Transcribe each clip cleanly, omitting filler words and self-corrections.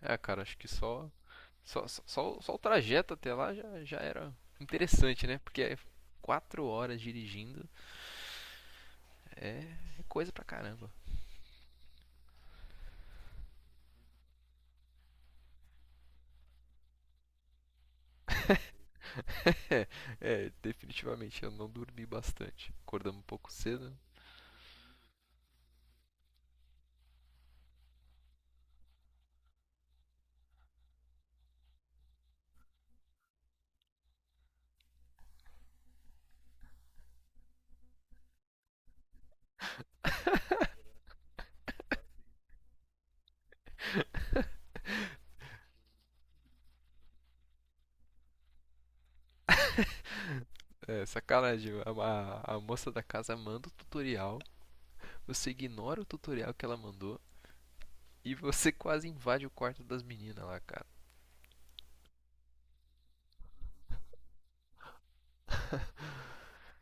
É, cara, acho que só o trajeto até lá já era interessante, né? Porque é 4 horas dirigindo, é, é coisa pra caramba. É, é, definitivamente eu não dormi bastante. Acordamos um pouco cedo. É, sacanagem, a moça da casa manda o tutorial, você ignora o tutorial que ela mandou e você quase invade o quarto das meninas lá, cara.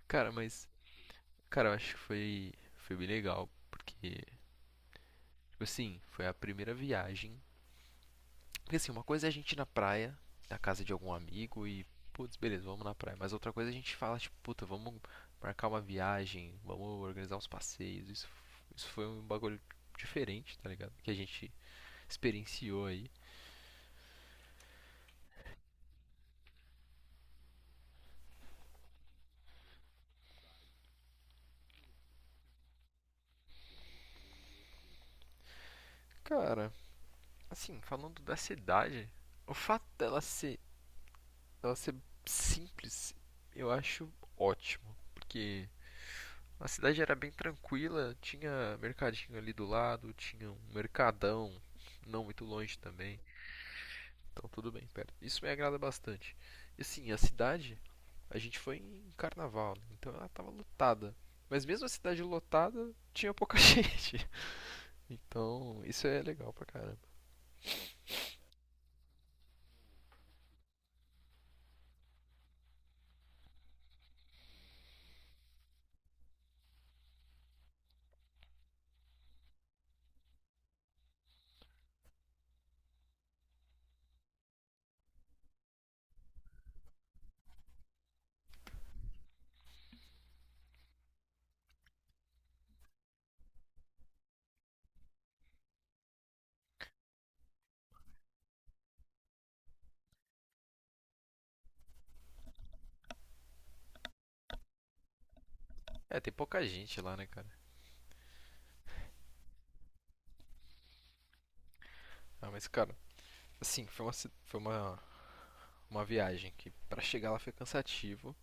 Cara, mas, cara, eu acho que foi bem legal, porque, tipo assim, foi a primeira viagem. Porque assim, uma coisa é a gente ir na praia, na casa de algum amigo e, putz, beleza, vamos na praia. Mas outra coisa é a gente fala, tipo, puta, vamos marcar uma viagem, vamos organizar uns passeios. Isso, isso foi um bagulho diferente, tá ligado? Que a gente experienciou aí. Cara, assim, falando da cidade, o fato dela ser simples, eu acho ótimo. Porque a cidade era bem tranquila, tinha mercadinho ali do lado, tinha um mercadão não muito longe também. Então tudo bem, perto. Isso me agrada bastante. E assim, a cidade, a gente foi em carnaval, né? Então ela tava lotada. Mas mesmo a cidade lotada, tinha pouca gente. Então, isso é legal pra caramba. É, tem pouca gente lá, né, cara? Ah, mas cara, assim, foi uma, ci- foi uma viagem que pra chegar lá foi cansativo,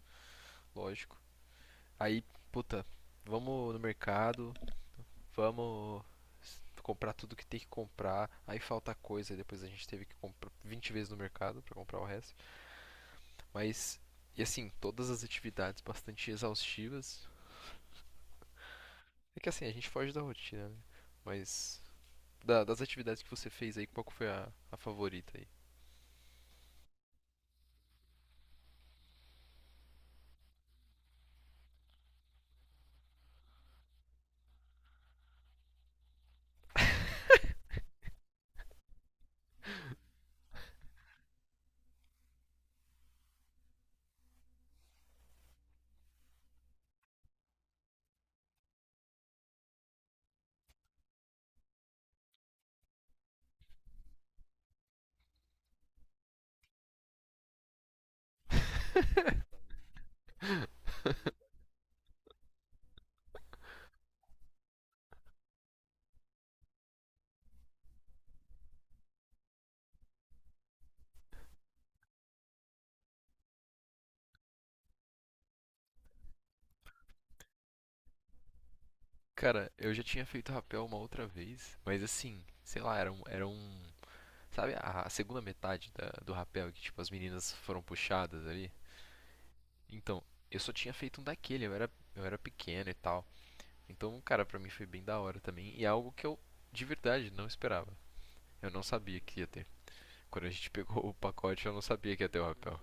lógico. Aí, puta, vamos no mercado, vamos comprar tudo que tem que comprar. Aí falta coisa, depois a gente teve que comprar 20 vezes no mercado pra comprar o resto. Mas, e assim, todas as atividades bastante exaustivas. É que assim, a gente foge da rotina, né? Mas, das atividades que você fez aí, qual que foi a favorita aí? Cara, eu já tinha feito rapel uma outra vez, mas assim, sei lá, era um, sabe a segunda metade do rapel que tipo as meninas foram puxadas ali? Então, eu só tinha feito um daquele, eu era pequeno e tal. Então, cara, pra mim foi bem da hora também e é algo que eu de verdade não esperava. Eu não sabia que ia ter. Quando a gente pegou o pacote, eu não sabia que ia ter o rapel.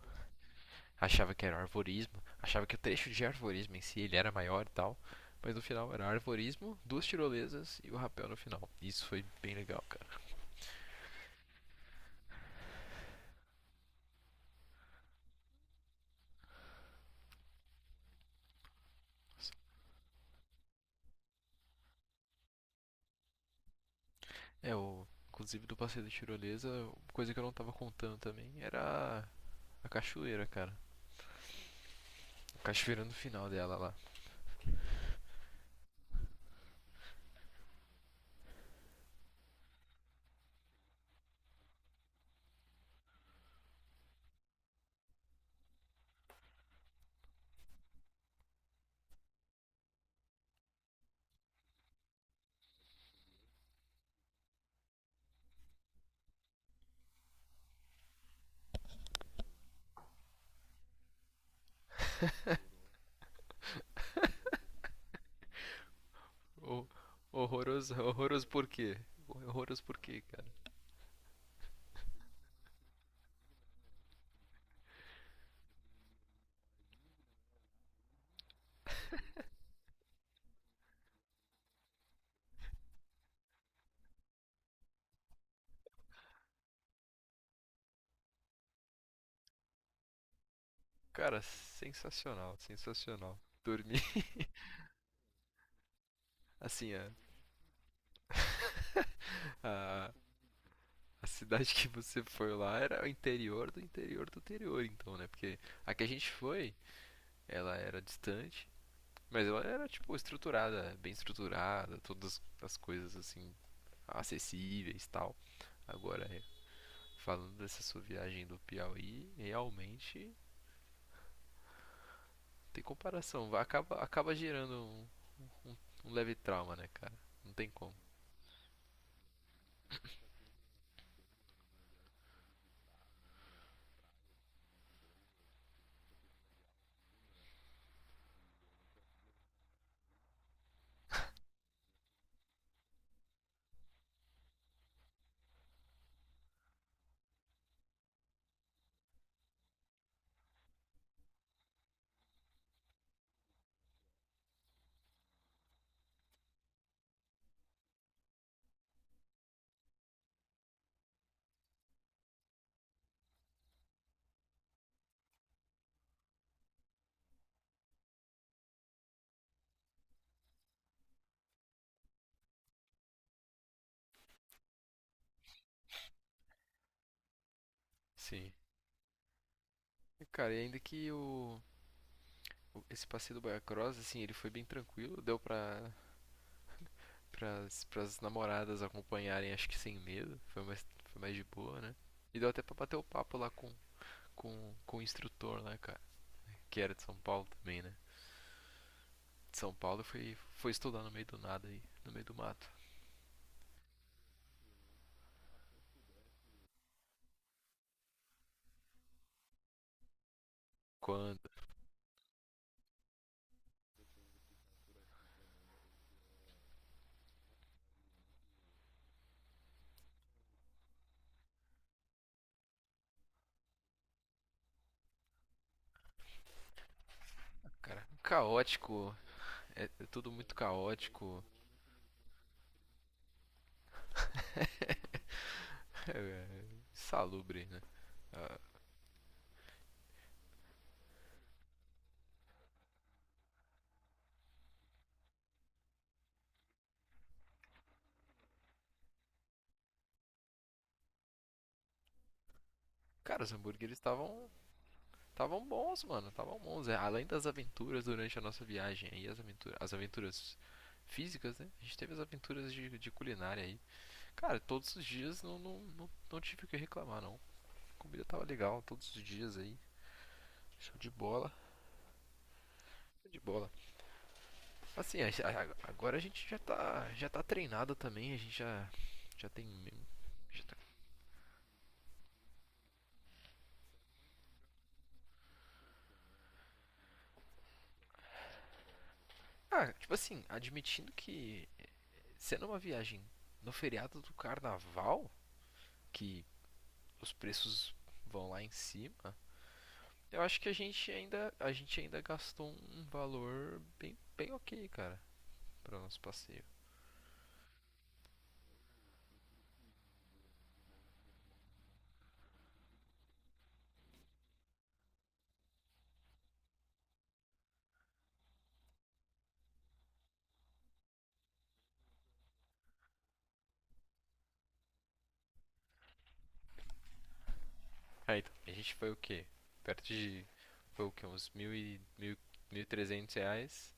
Achava que era arvorismo, achava que o trecho de arvorismo em si ele era maior e tal. Mas no final era arvorismo, duas tirolesas e o rapel no final. Isso foi bem legal, cara. É, inclusive do passeio da tirolesa, coisa que eu não tava contando também era a cachoeira, cara. A cachoeira no final dela lá. O, horroroso, horroroso por quê? Horroroso por quê, cara? Cara, sensacional, sensacional. Dormi. Assim, a, a cidade que você foi lá era o interior do interior do interior, então, né? Porque a que a gente foi, ela era distante, mas ela era, tipo, estruturada, bem estruturada, todas as coisas, assim, acessíveis e tal. Agora, é, falando dessa sua viagem do Piauí, realmente tem comparação. Acaba, acaba gerando um, um- um leve trauma, né, cara? Não tem como. Sim. E, cara, e ainda que esse passeio do Baia Cross, assim, ele foi bem tranquilo, deu pra pras namoradas acompanharem, acho que sem medo. Foi mais de boa, né? E deu até pra bater o papo lá com, o instrutor, né, cara? Que era de São Paulo também, né? De São Paulo foi, foi estudar no meio do nada aí, no meio do mato. Quando, cara, caótico, é, é tudo muito caótico. é, é, Salubre, né? Ah, cara, os hambúrgueres estavam bons, mano. Estavam bons. É, além das aventuras durante a nossa viagem aí, as aventuras físicas, né? A gente teve as aventuras de culinária aí. Cara, todos os dias não tive o que reclamar, não. A comida tava legal todos os dias aí. Show de bola. Show de bola. Assim, agora a gente já tá treinado também. A gente já tem... Já tá... Ah, tipo assim, admitindo que eh, sendo uma viagem no feriado do carnaval, que os preços vão lá em cima, eu acho que a gente ainda gastou um valor bem, bem ok, cara, para o nosso passeio. Aí então, a gente foi o quê? Perto de, foi o quê? Uns R$ 1.300,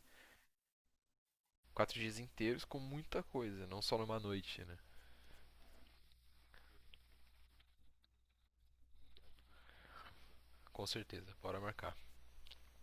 4 dias inteiros com muita coisa, não só numa noite, né? Com certeza, bora marcar.